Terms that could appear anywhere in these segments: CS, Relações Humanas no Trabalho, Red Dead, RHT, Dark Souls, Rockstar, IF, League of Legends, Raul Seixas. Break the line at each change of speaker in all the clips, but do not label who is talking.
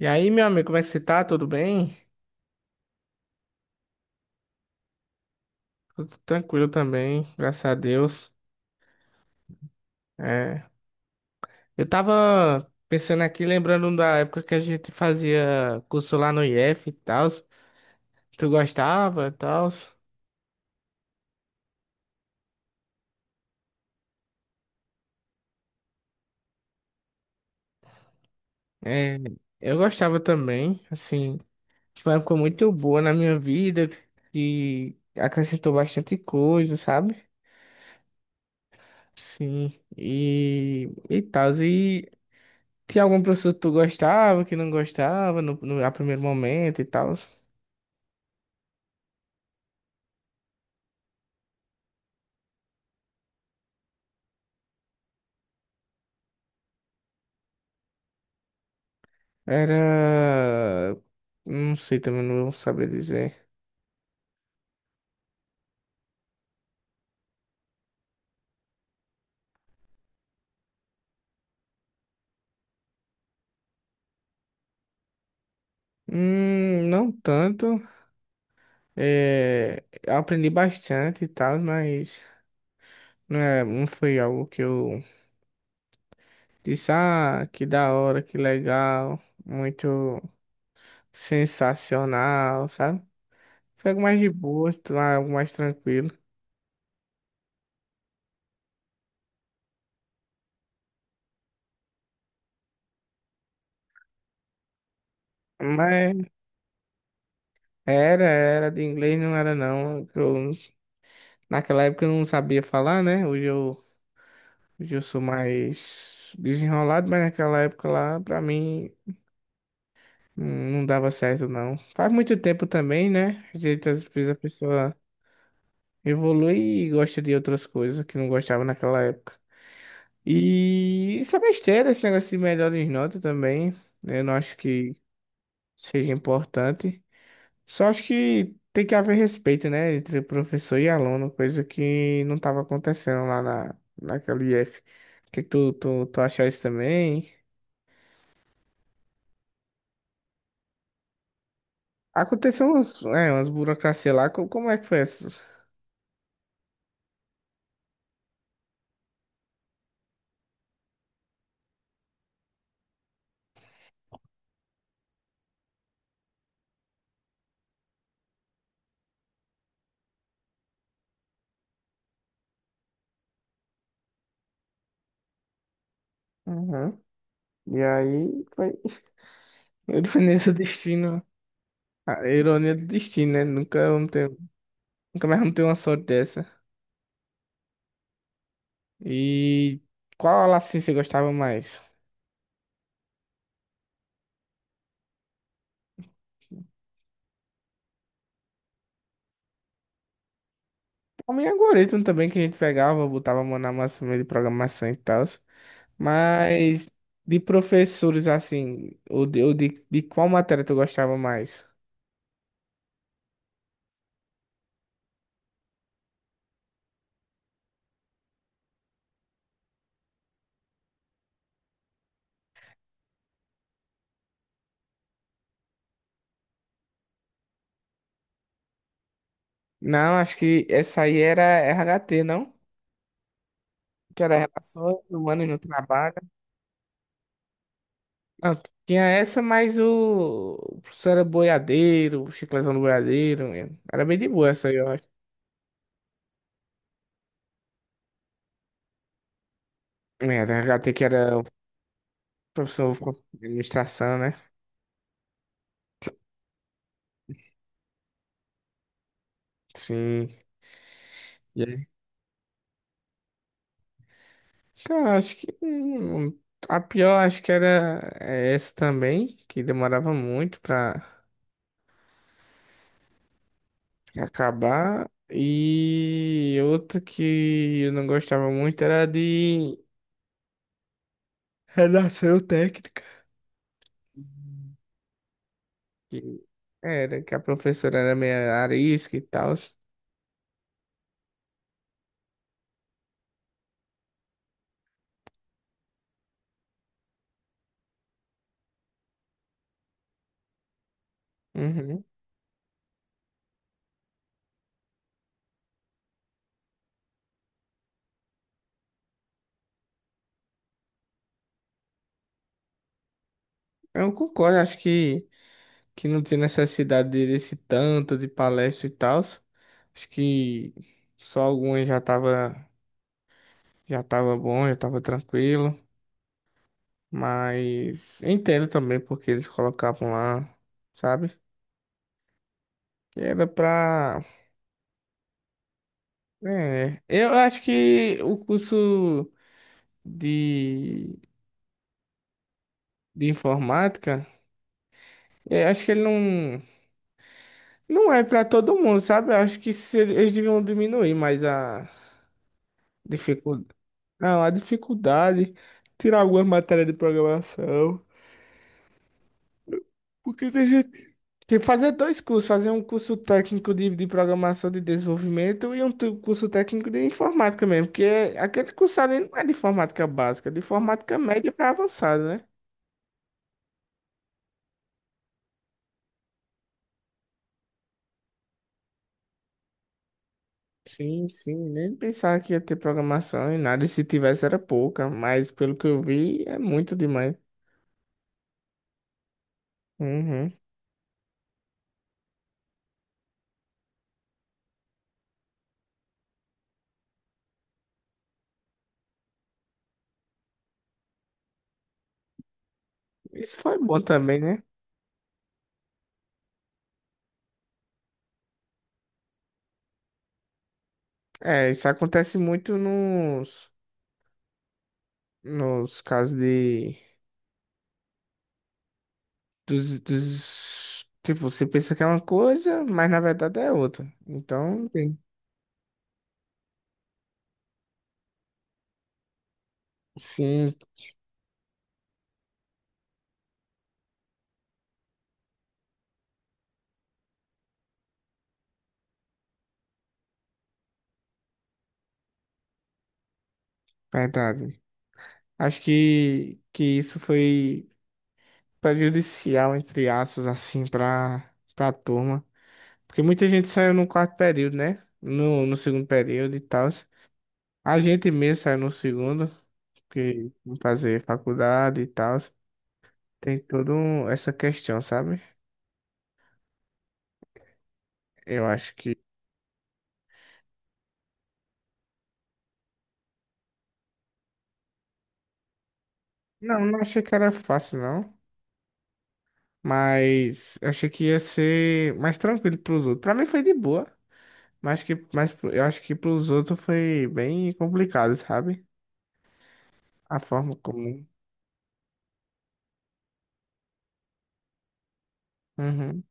E aí, meu amigo, como é que você tá? Tudo bem? Tudo tranquilo também, graças a Deus. É, eu tava pensando aqui, lembrando da época que a gente fazia curso lá no IF e tal. Tu gostava e tal? É, eu gostava também, assim, foi uma época muito boa na minha vida, que acrescentou bastante coisa, sabe? Sim, e tal. E tinha algum professor que tu gostava, que não gostava no, no, a primeiro momento e tal? Era. Não sei, também não vou saber dizer. Não tanto. É, eu aprendi bastante e tal, mas não, é, não foi algo que eu disse, ah, que da hora, que legal, muito sensacional, sabe? Foi algo mais de boa, algo mais tranquilo. Mas era, era de inglês, não era não. Eu, naquela época eu não sabia falar, né? Hoje eu hoje eu sou mais desenrolado, mas naquela época lá, pra mim, não dava certo, não. Faz muito tempo também, né? Às vezes a pessoa evolui e gosta de outras coisas que não gostava naquela época. E isso é besteira, esse negócio de melhores notas também, né? Eu não acho que seja importante. Só acho que tem que haver respeito, né? Entre professor e aluno, coisa que não estava acontecendo naquela IF. Que tu achar isso também? Aconteceu umas, é, umas burocracias lá, co- como é que foi essas? Uhum. E aí foi ironia do destino. A ironia do destino, né? Nunca vamos ter, nunca mais vamos ter uma sorte dessa. E qual aula assim você gostava mais? O meu algoritmo também que a gente pegava, botava a mão na massa meio de programação e tal. Mas de professores assim, de qual matéria tu gostava mais? Não, acho que essa aí era RHT, não? Que era Relações Humanas no Trabalho. Não, tinha essa, mas o professor era boiadeiro, o chicletão do boiadeiro, né? Era bem de boa essa aí, eu acho. É, da HT que era o professor de administração, né? Sim. E aí? Cara, acho que a pior acho que era é, essa também, que demorava muito pra acabar. E outra que eu não gostava muito era de redação técnica. Que Era que a professora era meio arisca e tal. Uhum. Eu concordo, que não tem necessidade de- desse tanto de palestra e tal. Acho que só algumas já tava bom, já tava tranquilo. Mas entendo também porque eles colocavam lá, sabe? Que era pra. É, eu acho que o curso de, de informática, é, acho que ele não, não é pra todo mundo, sabe? Eu acho que se- eles deviam diminuir mais a dificuldade. Não, a dificuldade, tirar algumas matérias de programação. Porque tem gente. Tem que fazer dois cursos, fazer um curso técnico de programação de desenvolvimento e um tu- curso técnico de informática mesmo. Porque é- aquele curso ali não é de informática básica, é de informática média para avançada, né? Sim, sim, nem pensava que ia ter programação e nada, e se tivesse era pouca, mas pelo que eu vi é muito demais. Uhum. Isso foi bom também, né? É, isso acontece muito nos casos de dos, dos- Tipo, você pensa que é uma coisa, mas na verdade é outra. Então, tem. Sim, verdade. Que isso foi prejudicial, entre aspas, assim, pra turma. Porque muita gente saiu no quarto período, né? No segundo período e tal. A gente mesmo saiu no segundo, porque não fazer faculdade e tal. Tem toda um, essa questão, sabe? Eu acho que. Não, não achei que era fácil, não. Mas eu achei que ia ser mais tranquilo pros outros. Pra mim foi de boa, mas que mas pro- eu acho que pros outros foi bem complicado, sabe? A forma como. Uhum.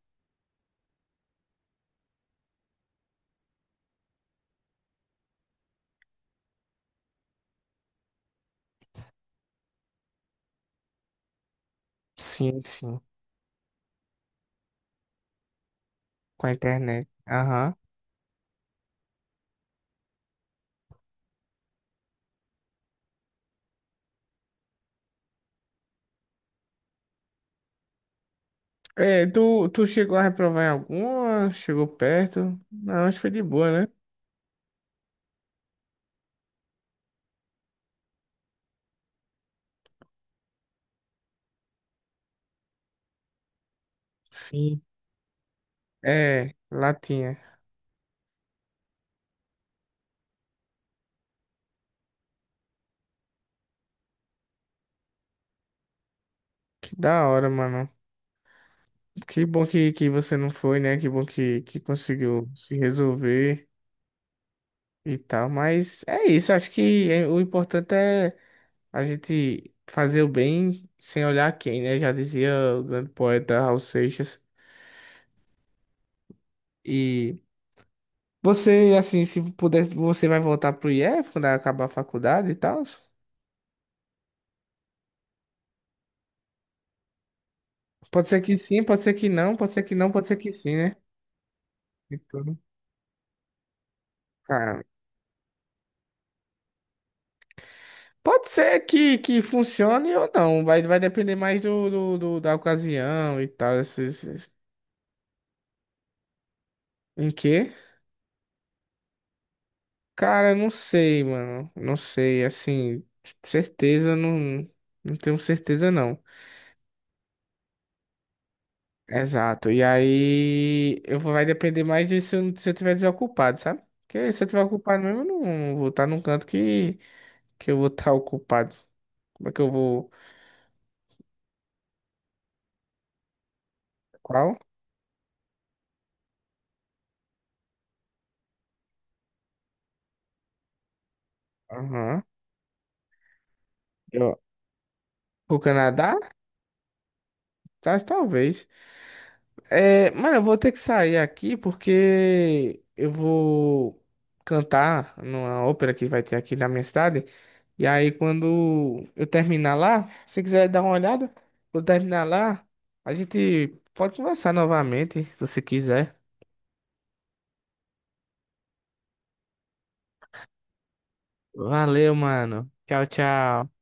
Sim, sim. Com a internet. Aham. É, tu chegou a reprovar em alguma? Chegou perto? Não, acho que foi de boa, né? Sim. É, lá tinha. Que da hora, mano. Que bom que você não foi, né? Que bom que conseguiu se resolver e tal. Mas é isso, acho que é- o importante é a gente fazer o bem sem olhar quem, né? Já dizia o grande poeta Raul Seixas. E você, assim, se pudesse, você vai voltar pro IF quando acabar a faculdade e tal? Pode ser que sim, pode ser que não, pode ser que não, pode ser que sim, né? Então, cara, pode ser que funcione ou não, vai, vai depender mais do- da ocasião e tal, esses, esses- em quê? Cara, eu não sei, mano. Não sei, assim, certeza não, não tenho certeza não. Exato. E aí eu vou, vai depender mais de se eu tiver desocupado, sabe? Porque se eu tiver ocupado mesmo, eu não vou estar num canto que eu vou estar ocupado. Como é que eu vou? Qual? Aham. Eu- O Canadá? Tá, talvez. É, mano, eu vou ter que sair aqui porque eu vou cantar numa ópera que vai ter aqui na minha cidade. E aí, quando eu terminar lá, se você quiser dar uma olhada, quando terminar lá, a gente pode conversar novamente, se você quiser. Valeu, mano. Tchau, tchau.